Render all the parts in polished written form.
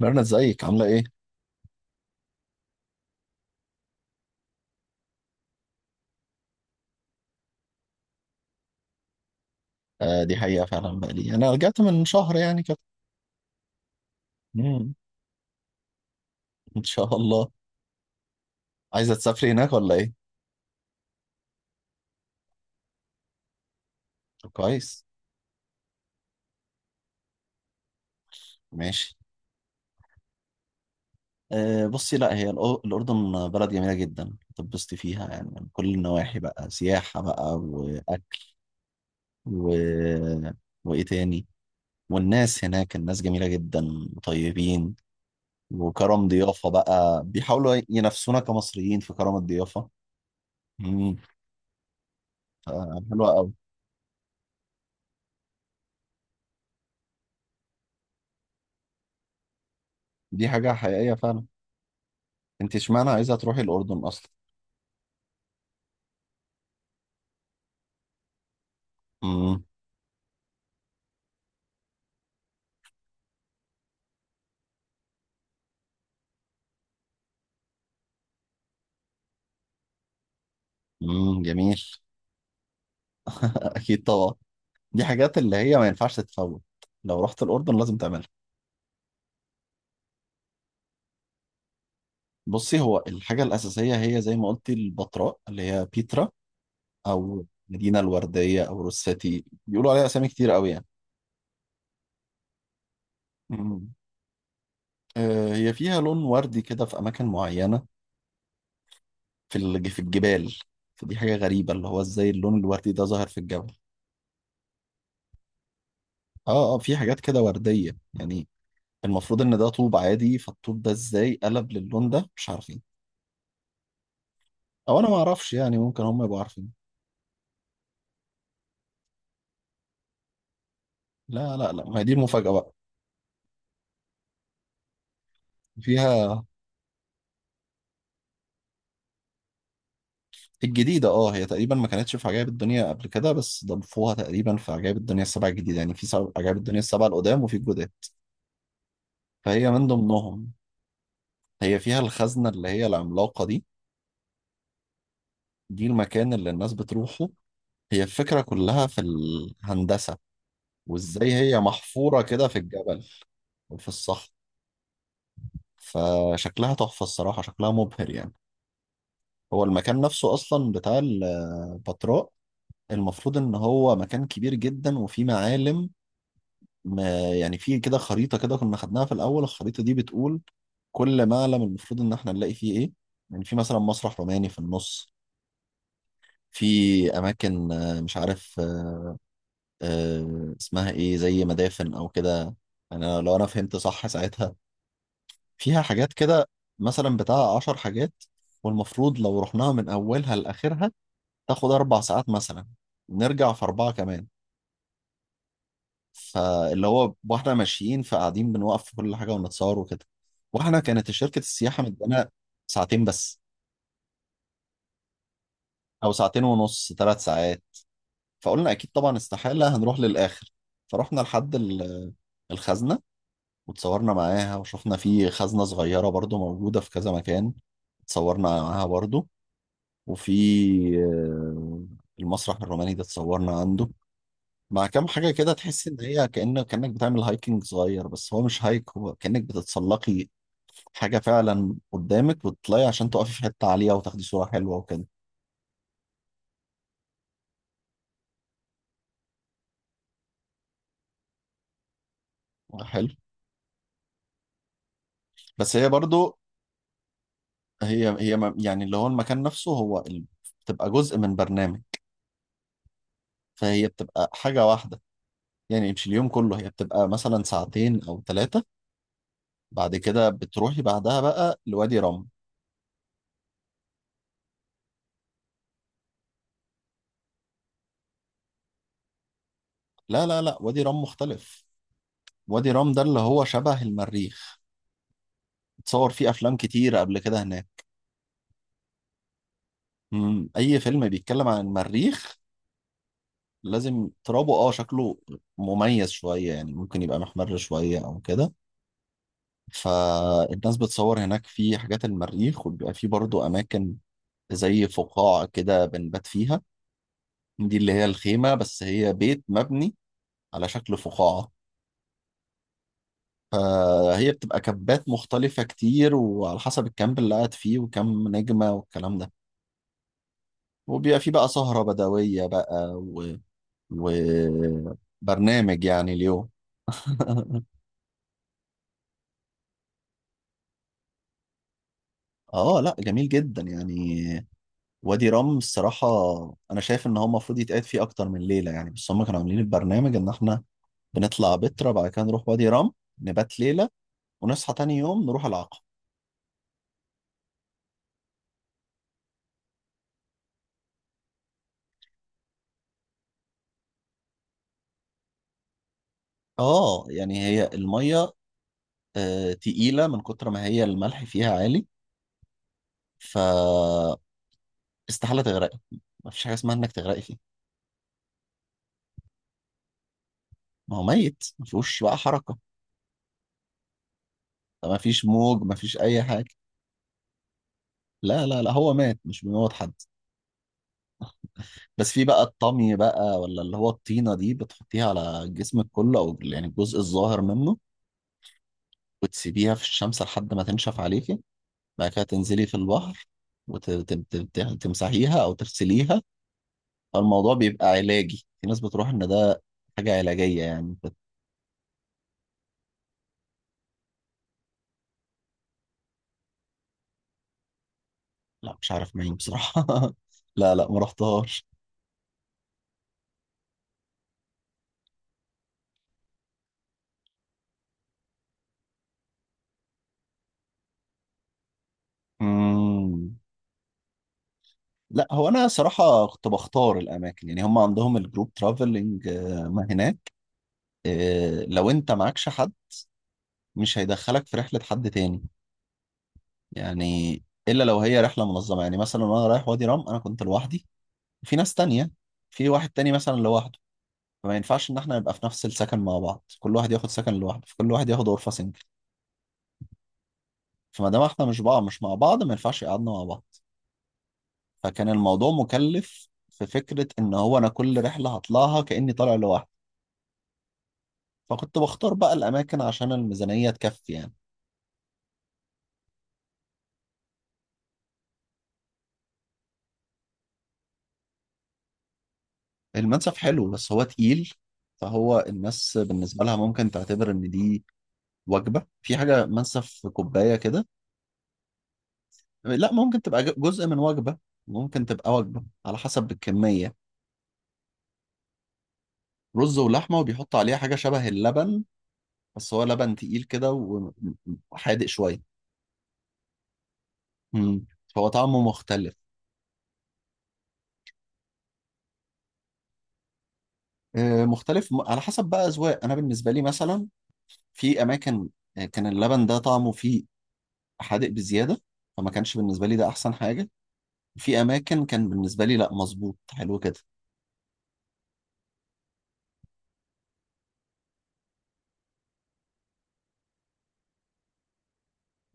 ميرنا ازيك عاملة ايه؟ آه، دي حقيقة فعلا بقى لي انا رجعت من شهر يعني كده. مم. ان شاء الله. عايزة تسافري هناك ولا ايه؟ طب كويس. ماشي. آه بصي، لا هي الأردن بلد جميلة جدا تتبسطي فيها، يعني من كل النواحي بقى، سياحة بقى وأكل و... وإيه تاني، والناس هناك، الناس جميلة جدا وطيبين، وكرم ضيافة بقى بيحاولوا ينافسونا كمصريين في كرم الضيافة. مم. آه، حلوة أوي. دي حاجة حقيقية فعلا. انت اشمعنى عايزه تروحي الاردن اصلا؟ امم. جميل. اكيد طبعا. دي حاجات اللي هي ما ينفعش تتفوت. لو رحت الاردن لازم تعملها. بصي، هو الحاجه الاساسيه هي زي ما قلتي البتراء اللي هي بيترا، او المدينه الورديه او روساتي، بيقولوا عليها اسامي كتير قوي يعني. امم. آه، هي فيها لون وردي كده في اماكن معينه، في الجبال. فدي حاجه غريبه اللي هو ازاي اللون الوردي ده ظاهر في الجبل. اه اه، في حاجات كده ورديه يعني. المفروض ان ده طوب عادي، فالطوب ده ازاي قلب للون ده مش عارفين. او انا ما اعرفش، يعني ممكن هم يبقوا عارفين. لا لا لا، ما هي دي المفاجأة بقى. فيها الجديدة، هي تقريبا ما كانتش في عجائب الدنيا قبل كده، بس ضافوها تقريبا في عجائب الدنيا السبعة الجديدة، يعني في سبع عجائب الدنيا السبعة القدام وفي الجداد، فهي من ضمنهم. هي فيها الخزنة اللي هي العملاقة دي. دي المكان اللي الناس بتروحه. هي الفكرة كلها في الهندسة، وازاي هي محفورة كده في الجبل وفي الصخر. فشكلها تحفة الصراحة، شكلها مبهر يعني. هو المكان نفسه أصلا بتاع البتراء المفروض إن هو مكان كبير جدا وفيه معالم. يعني فيه كده خريطة كده، كنا خدناها في الأول، الخريطة دي بتقول كل معلم المفروض إن إحنا نلاقي فيه إيه. يعني في مثلا مسرح روماني في النص، في أماكن، مش عارف، اسمها إيه، زي مدافن أو كده، لو أنا فهمت صح ساعتها. فيها حاجات كده، مثلا بتاع 10 حاجات، والمفروض لو رحناها من أولها لآخرها تاخد 4 ساعات مثلا، نرجع في 4 كمان. فاللي هو، واحنا ماشيين فقاعدين بنوقف في كل حاجة ونتصور وكده. واحنا كانت شركة السياحة مدانا ساعتين بس، أو ساعتين ونص 3 ساعات، فقلنا أكيد طبعا استحالة هنروح للآخر. فرحنا لحد الخزنة، وتصورنا معاها، وشفنا في خزنة صغيرة برضو موجودة في كذا مكان، اتصورنا معاها برضو. وفي، آه، المسرح الروماني ده اتصورنا عنده، مع كام حاجة كده، تحس إن هي كأنك بتعمل هايكنج صغير، بس هو مش هايك، هو كأنك بتتسلقي حاجة فعلا قدامك وتطلعي عشان تقفي في حتة عالية وتاخدي صورة حلوة وكده. حلو. بس هي برضو، هي يعني اللي هو المكان نفسه هو بتبقى جزء من برنامج، فهي بتبقى حاجة واحدة. يعني مش اليوم كله، هي بتبقى مثلا ساعتين أو 3، بعد كده بتروحي بعدها بقى لوادي رم. لا لا لا، وادي رم مختلف. وادي رام ده اللي هو شبه المريخ. اتصور فيه افلام كتير قبل كده هناك. مم. اي فيلم بيتكلم عن المريخ لازم ترابه، شكله مميز شوية يعني، ممكن يبقى محمر شوية او كده. فالناس بتصور هناك في حاجات المريخ، وبيبقى فيه برضو اماكن زي فقاعة كده بنبات فيها، دي اللي هي الخيمة، بس هي بيت مبني على شكل فقاعة. فهي بتبقى كبات مختلفة كتير، وعلى حسب الكامب اللي قاعد فيه وكم نجمة والكلام ده. وبيبقى فيه بقى سهرة بدوية بقى وبرنامج يعني اليوم. اه لا، جميل جدا يعني. وادي رام الصراحة، انا شايف ان هو المفروض يتقعد فيه اكتر من ليلة يعني، بس هم كانوا عاملين البرنامج ان احنا بنطلع بترا، بعد كده نروح وادي رام نبات ليلة، ونصحى تاني يوم نروح العقبة. اه، يعني هي المية تقيلة من كتر ما هي الملح فيها عالي، ف استحالة تغرقي، مفيش حاجة اسمها انك تغرقي فيه. ما هو ميت، مفيهوش بقى حركة، ما فيش موج، ما فيش اي حاجه. لا لا لا، هو مات، مش بيموت حد. بس في بقى الطمي بقى، ولا اللي هو الطينه دي بتحطيها على جسمك كله او يعني الجزء الظاهر منه، وتسيبيها في الشمس لحد ما تنشف عليكي، بعد كده تنزلي في البحر وتمسحيها او تغسليها. الموضوع بيبقى علاجي، في ناس بتروح ان ده حاجه علاجيه، يعني لا مش عارف مين بصراحه. لا لا، ما رحتهاش. مم. لا هو انا صراحه كنت بختار الاماكن، يعني هم عندهم الجروب ترافلنج ما هناك، لو انت معكش حد مش هيدخلك في رحله حد تاني، يعني الا لو هي رحله منظمه، يعني مثلا وانا رايح وادي رام انا كنت لوحدي، في ناس تانية، في واحد تاني مثلا لوحده، فما ينفعش ان احنا نبقى في نفس السكن مع بعض، كل واحد ياخد سكن لوحده، فكل واحد ياخد غرفه سنجل. فما دام احنا مش بعض، مش مع بعض، ما ينفعش يقعدنا مع بعض، فكان الموضوع مكلف في فكره ان هو انا كل رحله هطلعها كاني طالع لوحدي، فكنت بختار بقى الأماكن عشان الميزانية تكفي يعني. المنسف حلو بس هو تقيل، فهو الناس بالنسبة لها ممكن تعتبر إن دي وجبة، في حاجة منسف في كوباية كده. لا ممكن تبقى جزء من وجبة، ممكن تبقى وجبة على حسب الكمية. رز ولحمة وبيحط عليها حاجة شبه اللبن، بس هو لبن تقيل كده وحادق شوية. مم. فهو طعمه مختلف. مختلف على حسب بقى أذواق، أنا بالنسبة لي مثلا في أماكن كان اللبن ده طعمه فيه حادق بزيادة، فما كانش بالنسبة لي ده أحسن حاجة. في أماكن كان بالنسبة لي لأ، مظبوط حلو كده.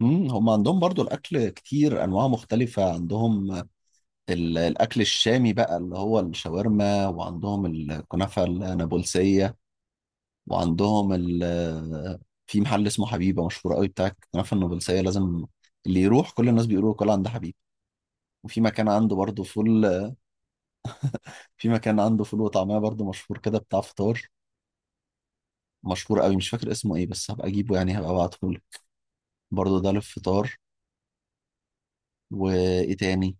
امم، هم عندهم برضو الأكل كتير أنواع مختلفة عندهم. الأكل الشامي بقى اللي هو الشاورما، وعندهم الكنافة النابلسية، وعندهم في محل اسمه حبيبة مشهور قوي بتاع الكنافة النابلسية، لازم اللي يروح كل الناس بيقولوا كل عند حبيبة. وفي مكان عنده برضو فول، في مكان عنده فول وطعمية برضو مشهور كده بتاع فطار، مشهور قوي مش فاكر اسمه ايه، بس هبقى اجيبه يعني، هبقى ابعته برضه ده للفطار. وايه تاني؟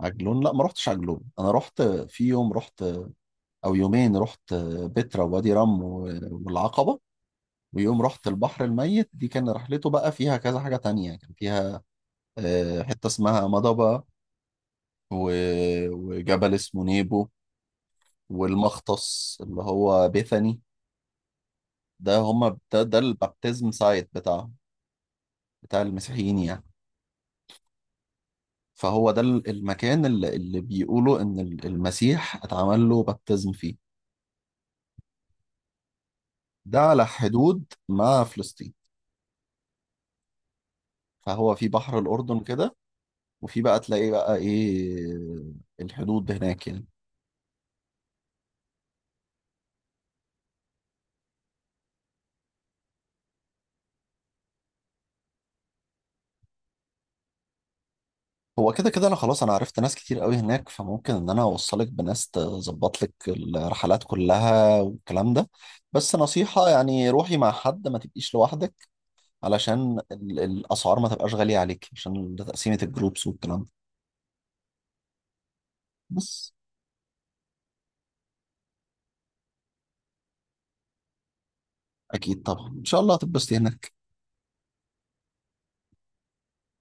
عجلون لا ما رحتش عجلون، انا رحت في يوم رحت او يومين، رحت بترا ووادي رم والعقبة. ويوم رحت البحر الميت دي، كان رحلته بقى فيها كذا حاجة تانية، كان فيها حتة اسمها مضبة، وجبل اسمه نيبو، والمختص اللي هو بيثاني. ده هما ده البابتزم سايت، بتاع المسيحيين يعني. فهو ده المكان اللي بيقولوا ان المسيح اتعمل له بابتزم فيه. ده على حدود مع فلسطين، فهو في بحر الأردن كده، وفي بقى تلاقي بقى إيه الحدود هناك يعني. هو كده كده، أنا خلاص أنا عرفت ناس كتير قوي هناك، فممكن إن أنا أوصلك بناس تظبط لك الرحلات كلها والكلام ده. بس نصيحة يعني روحي مع حد، ما تبقيش لوحدك، علشان الأسعار ما تبقاش غالية عليك، عشان ده تقسيمة الجروبس والكلام ده. بس أكيد طبعا إن شاء الله هتتبسطي هناك.